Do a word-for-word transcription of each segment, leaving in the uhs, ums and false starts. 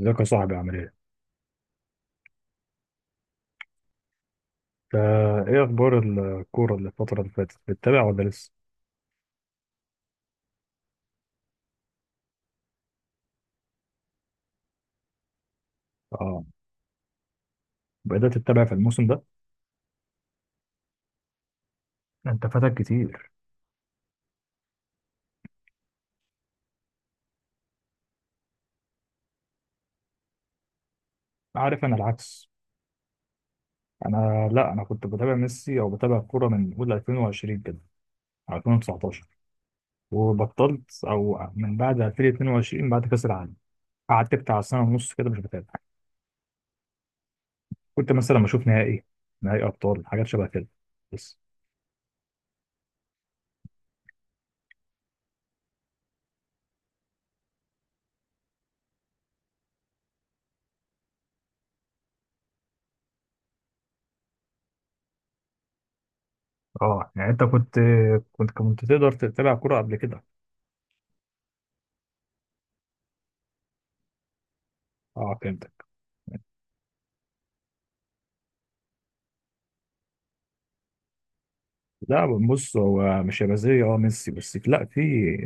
ازيك يا صاحبي؟ عامل ايه؟ فا ايه اخبار الكورة اللي الفترة اللي فاتت؟ بتتابع ولا لسه؟ اه، بدأت تتابع في الموسم ده؟ انت فاتك كتير. عارف، انا العكس. انا لا انا كنت بتابع ميسي، او بتابع الكورة من اول ألفين وعشرين كده، ألفين وتسعتاشر، وبطلت او من بعد ألفين واتنين وعشرين بعد كأس العالم. قعدت بتاع سنة ونص كده مش بتابع. كنت مثلا بشوف نهائي نهائي ابطال، حاجات شبه كده بس. اه يعني انت كنت كنت كنت تقدر تتابع كورة قبل كده. اه فهمت. لا بص، هو مش هيبقى زي اه ميسي بس، لا في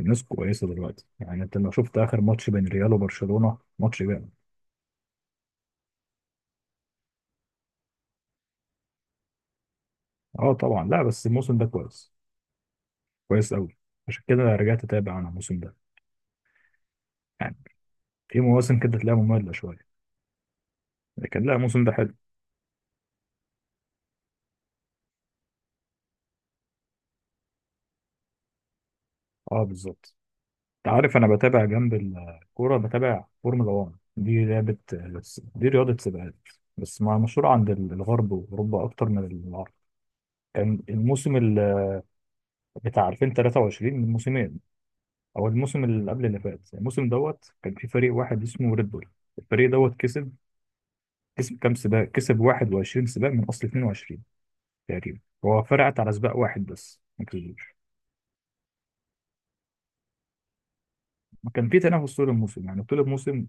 ناس كويسه دلوقتي. يعني انت لو شفت اخر ماتش بين ريال وبرشلونه ماتش جامد. اه طبعا، لا بس الموسم ده كويس، كويس قوي. عشان كده رجعت اتابع انا الموسم ده. يعني في مواسم كده تلاقيها ممله شويه، لكن لا الموسم ده حلو. اه بالظبط. انت عارف انا بتابع جنب الكوره بتابع فورمولا واحد، دي لعبه، دي رياضه سباقات، بس مع- مشهوره عند الغرب واوروبا اكتر من العرب. كان الموسم ال- بتاع ألفين وتلاته وعشرين من موسمين، او الموسم اللي قبل اللي فات. يعني الموسم دوت كان في فريق واحد اسمه ريد بول، الفريق دوت كسب كسب كام سباق؟ كسب واحد وعشرين سباق من اصل اتنين وعشرين تقريبا، هو فرقت على سباق واحد بس ما كسبوش. ما كان في تنافس طول الموسم. يعني طول الموسم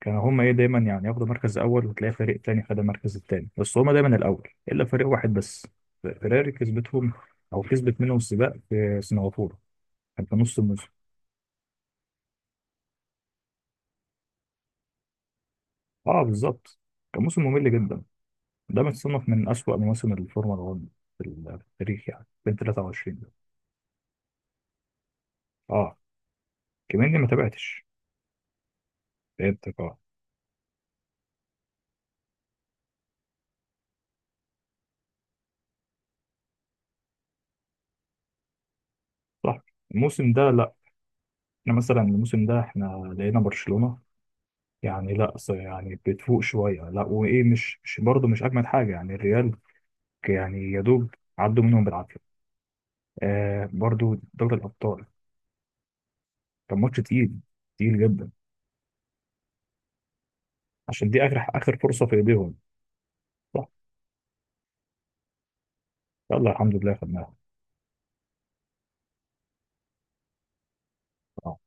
كانوا هما ايه، دايما يعني ياخدوا مركز اول، وتلاقي فريق تاني خد المركز التاني، بس هما دايما الاول الا فريق واحد بس، فيراري، كسبتهم او كسبت منهم السباق في سنغافوره، كان في نص الموسم. اه بالظبط، كان موسم ممل جدا. ده متصنف من أسوأ مواسم الفورمولا واحد في ال- في التاريخ، يعني ألفين وتلاته وعشرين ده. اه كمان دي ما تابعتش، فهمتك اه. صح، الموسم ده لا، احنا مثلا الموسم ده احنا لقينا برشلونة، يعني لا ص- يعني بتفوق شوية، لا وايه، مش مش برضه مش أجمد حاجة يعني الريال، يعني يا دوب عدوا منهم بالعافية. آه، برضه دوري الأبطال كان ماتش تقيل، تقيل جدا. عشان دي آخر، آخر فرصة في إيديهم. صح، يلا الحمد لله خدناها. آه.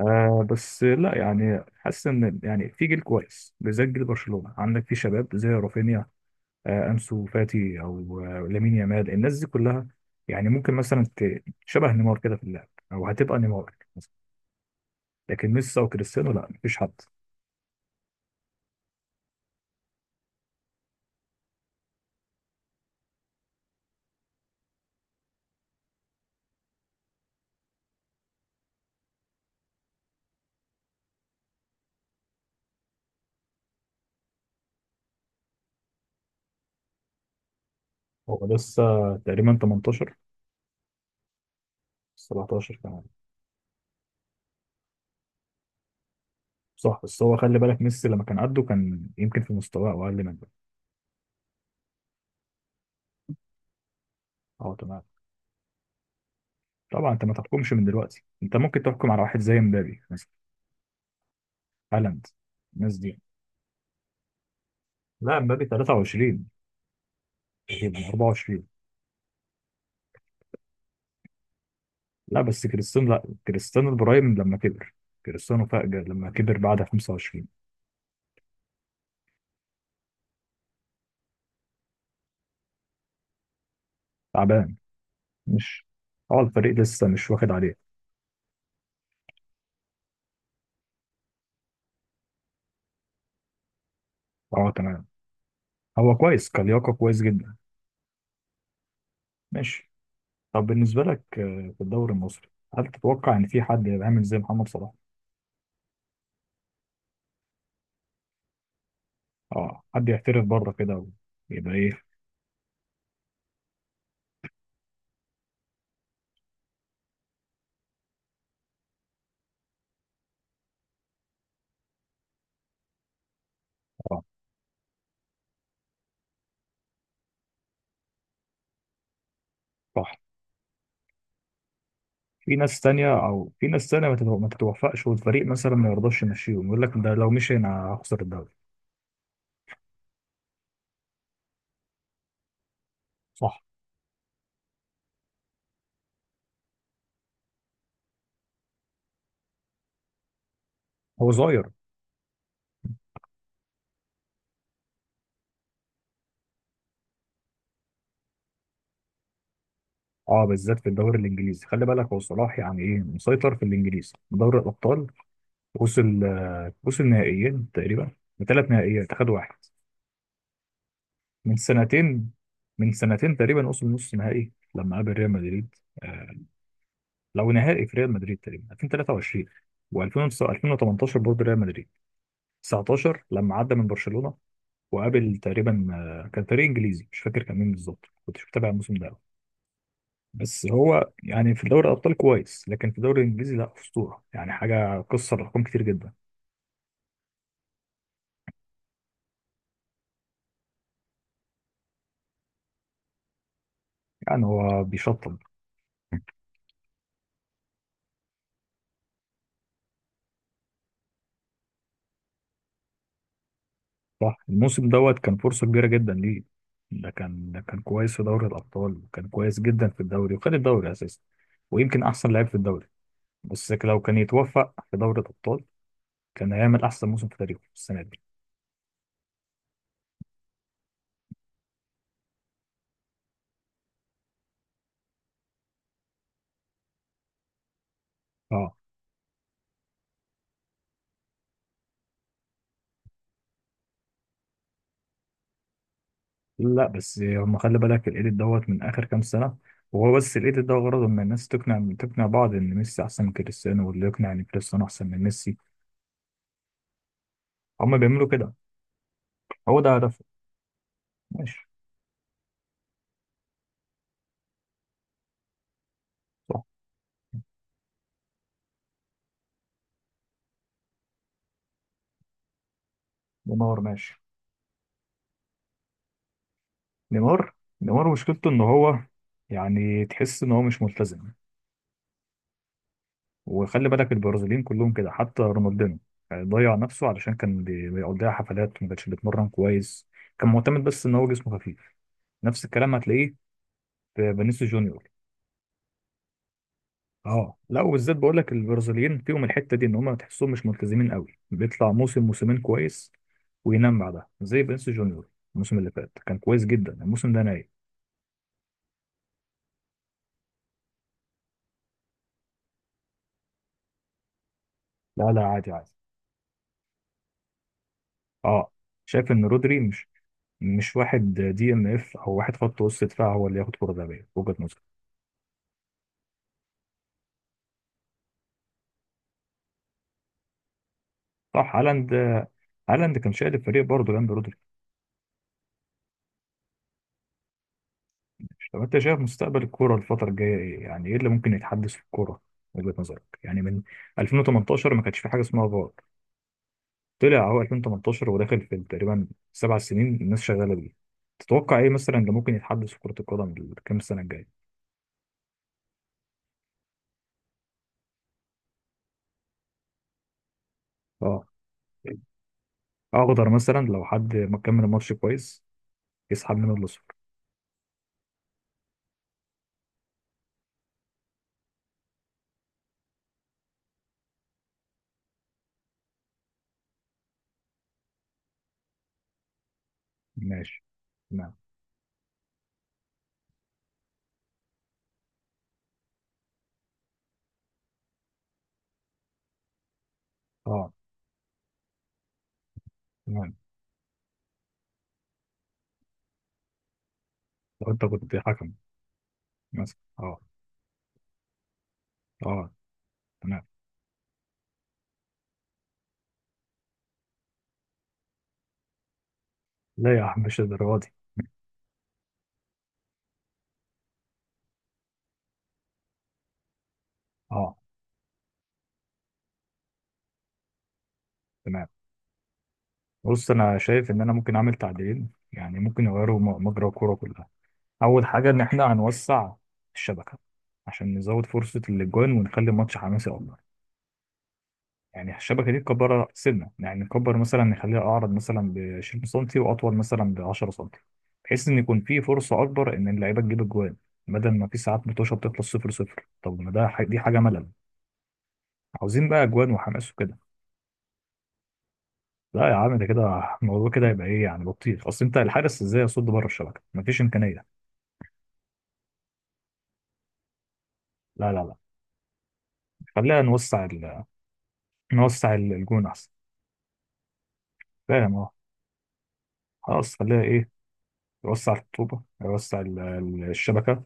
آه بس لا، يعني حاسس ان يعني في جيل كويس، بالذات جيل برشلونه، عندك في شباب زي رافينيا، آه انسو فاتي، او آه لامين يامال، الناس دي كلها، يعني ممكن مثلا ت- شبه نيمار كده في اللعب، او هتبقى نيمار مثلا، لكن ميسي وكريستيانو لا، مفيش حد. هو لسه تقريبا تمنتاشر، سبعتاشر كمان. صح، بس هو خلي بالك ميسي لما كان قده كان يمكن في مستواه او اقل منه. اه تمام، طبعا انت ما تحكمش من دلوقتي. انت ممكن تحكم على واحد زي مبابي مثلا، هالاند، الناس دي. لا مبابي تلاته وعشرين، تقريبا اربعه وعشرين. لا بس كريستيانو، لا كريستيانو البرايم لما كبر، كريستيانو فاجر لما كبر بعد خمسه وعشرين. تعبان، مش اه الفريق لسه مش واخد عليه. اه تمام، هو كويس كلياقة كويس جدا. ماشي، طب بالنسبة لك آه، في الدوري المصري، هل تتوقع ان في حد يبقى عامل زي محمد صلاح؟ اه حد يحترف بره كده، ويبقى ايه. اه صح. في ناس تانية او في ناس تانية ما تتو- ما تتوفقش، والفريق مثلا ما يرضاش يمشيهم، يقول لك ده لو مشي انا هخسر الدوري. صح، هو صغير. اه بالذات في الدوري الانجليزي، خلي بالك، هو صلاح يعني ايه، مسيطر في الانجليزي دوري الابطال. وصل، آه، وصل نهائيين تقريبا، بثلاث نهائيات اخد واحد من سنتين من سنتين تقريبا. وصل نص نهائي لما قابل ريال مدريد، آه، لو نهائي في ريال مدريد تقريبا ألفين وتلاته وعشرين، و2018 برضه ريال مدريد، تسعتاشر لما عدى من برشلونة، وقابل تقريبا آه، كان فريق انجليزي مش فاكر كان مين بالظبط، كنتش متابع الموسم ده. بس هو يعني في دوري الابطال كويس، لكن في الدوري الانجليزي لا، اسطوره، يعني حاجه كسر ارقام كتير جدا. يعني هو بيشطب. صح، الموسم دوت كان فرصه كبيره جدا ليه، ده كان ده كان كويس في دوري الابطال، وكان كويس جدا في الدوري، وخد الدوري اساسا، ويمكن احسن لاعب في الدوري، بس لو كان يتوفق في دوري الابطال كان هيعمل احسن موسم في تاريخه السنه دي. اه، لا بس هم خلي بالك الايديت دوت من اخر كام سنه، وهو بس الايديت ده غرضه ان الناس تقنع، تقنع بعض ان ميسي احسن من كريستيانو، واللي يقنع ان كريستيانو احسن من ميسي، هم بيعملوا كده، هو ده هدفه. ماشي. صح، نيمار ماشي. نيمار نيمار مشكلته ان هو يعني تحس ان هو مش ملتزم. وخلي بالك البرازيليين كلهم كده، حتى رونالدينو، يعني ضيع نفسه علشان كان بي- بيقضيها حفلات، ما كانش بيتمرن كويس، كان معتمد بس ان هو جسمه خفيف. نفس الكلام هتلاقيه في فينيسيوس جونيور. اه، لا وبالذات بقول لك البرازيليين فيهم الحته دي، ان هم تحسهم مش ملتزمين قوي، بيطلع موسم موسمين كويس وينام بعدها زي فينيسيوس جونيور. الموسم اللي فات كان كويس جدا، الموسم ده نايم. لا لا، عادي عادي. اه، شايف ان رودري مش، مش واحد دي ام اف، او واحد خط وسط دفاع، هو اللي ياخد كره ذهبيه، وجهه نظري. صح، هالاند، هالاند كان شايل الفريق برضه جنب رودري. طب انت شايف مستقبل الكوره الفتره الجايه ايه؟ يعني ايه اللي ممكن يتحدث في الكوره وجهه نظرك؟ يعني من ألفين وتمنتاشر ما كانش في حاجه اسمها فار، طلع هو ألفين وتمنتاشر، وداخل في تقريبا سبع سنين الناس شغاله بيه. تتوقع ايه مثلا اللي ممكن يتحدث في كره القدم كام سنه الجايه؟ اه، اخضر مثلا لو حد ما كمل الماتش كويس يسحب منه الاصفر. ماشي تمام. اه تمام. لو انت كنت حكم مثلا، اه. اه تمام. لا يا عم مش الدرجه دي. اه تمام. بص، انا شايف ان انا ممكن اعمل تعديلين، يعني ممكن يغيروا م- مجرى الكوره كلها. اول حاجه، ان احنا هنوسع الشبكه، عشان نزود فرصه الاجوان ونخلي الماتش حماسي اكتر. يعني الشبكه دي نكبرها سنه، يعني نكبر مثلا، نخليها اعرض مثلا ب عشرين سم، واطول مثلا ب عشرة سم، بحيث ان يكون في فرصه اكبر ان اللعيبه تجيب اجوان، بدل ما في ساعات متوشه بتخلص صفر صفر. طب ما ده ح- دي حاجه ملل، عاوزين بقى اجوان وحماس وكده. لا يا عم، ده كده الموضوع كده هيبقى ايه، يعني بطيخ، اصل انت الحارس ازاي يصد بره الشبكه، مفيش امكانيه. لا لا لا، خلينا نوسع ال... نوسع ال- الجون احسن. فاهم أه. خلاص خليها ايه، يوسع الخطوبة، يوسع ال- ال- الشبكة.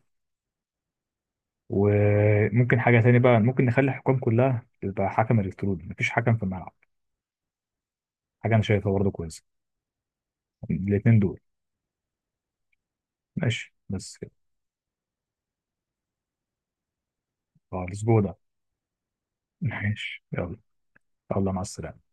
وممكن حاجة تاني بقى، ممكن نخلي الحكام كلها تبقى حكم إلكتروني، مفيش حكم في الملعب. حاجة أنا شايفها برضه كويسة. الاتنين دول، ماشي بس كده. آه، الأسبوع ده، ماشي يلا. يلا مع السلامة.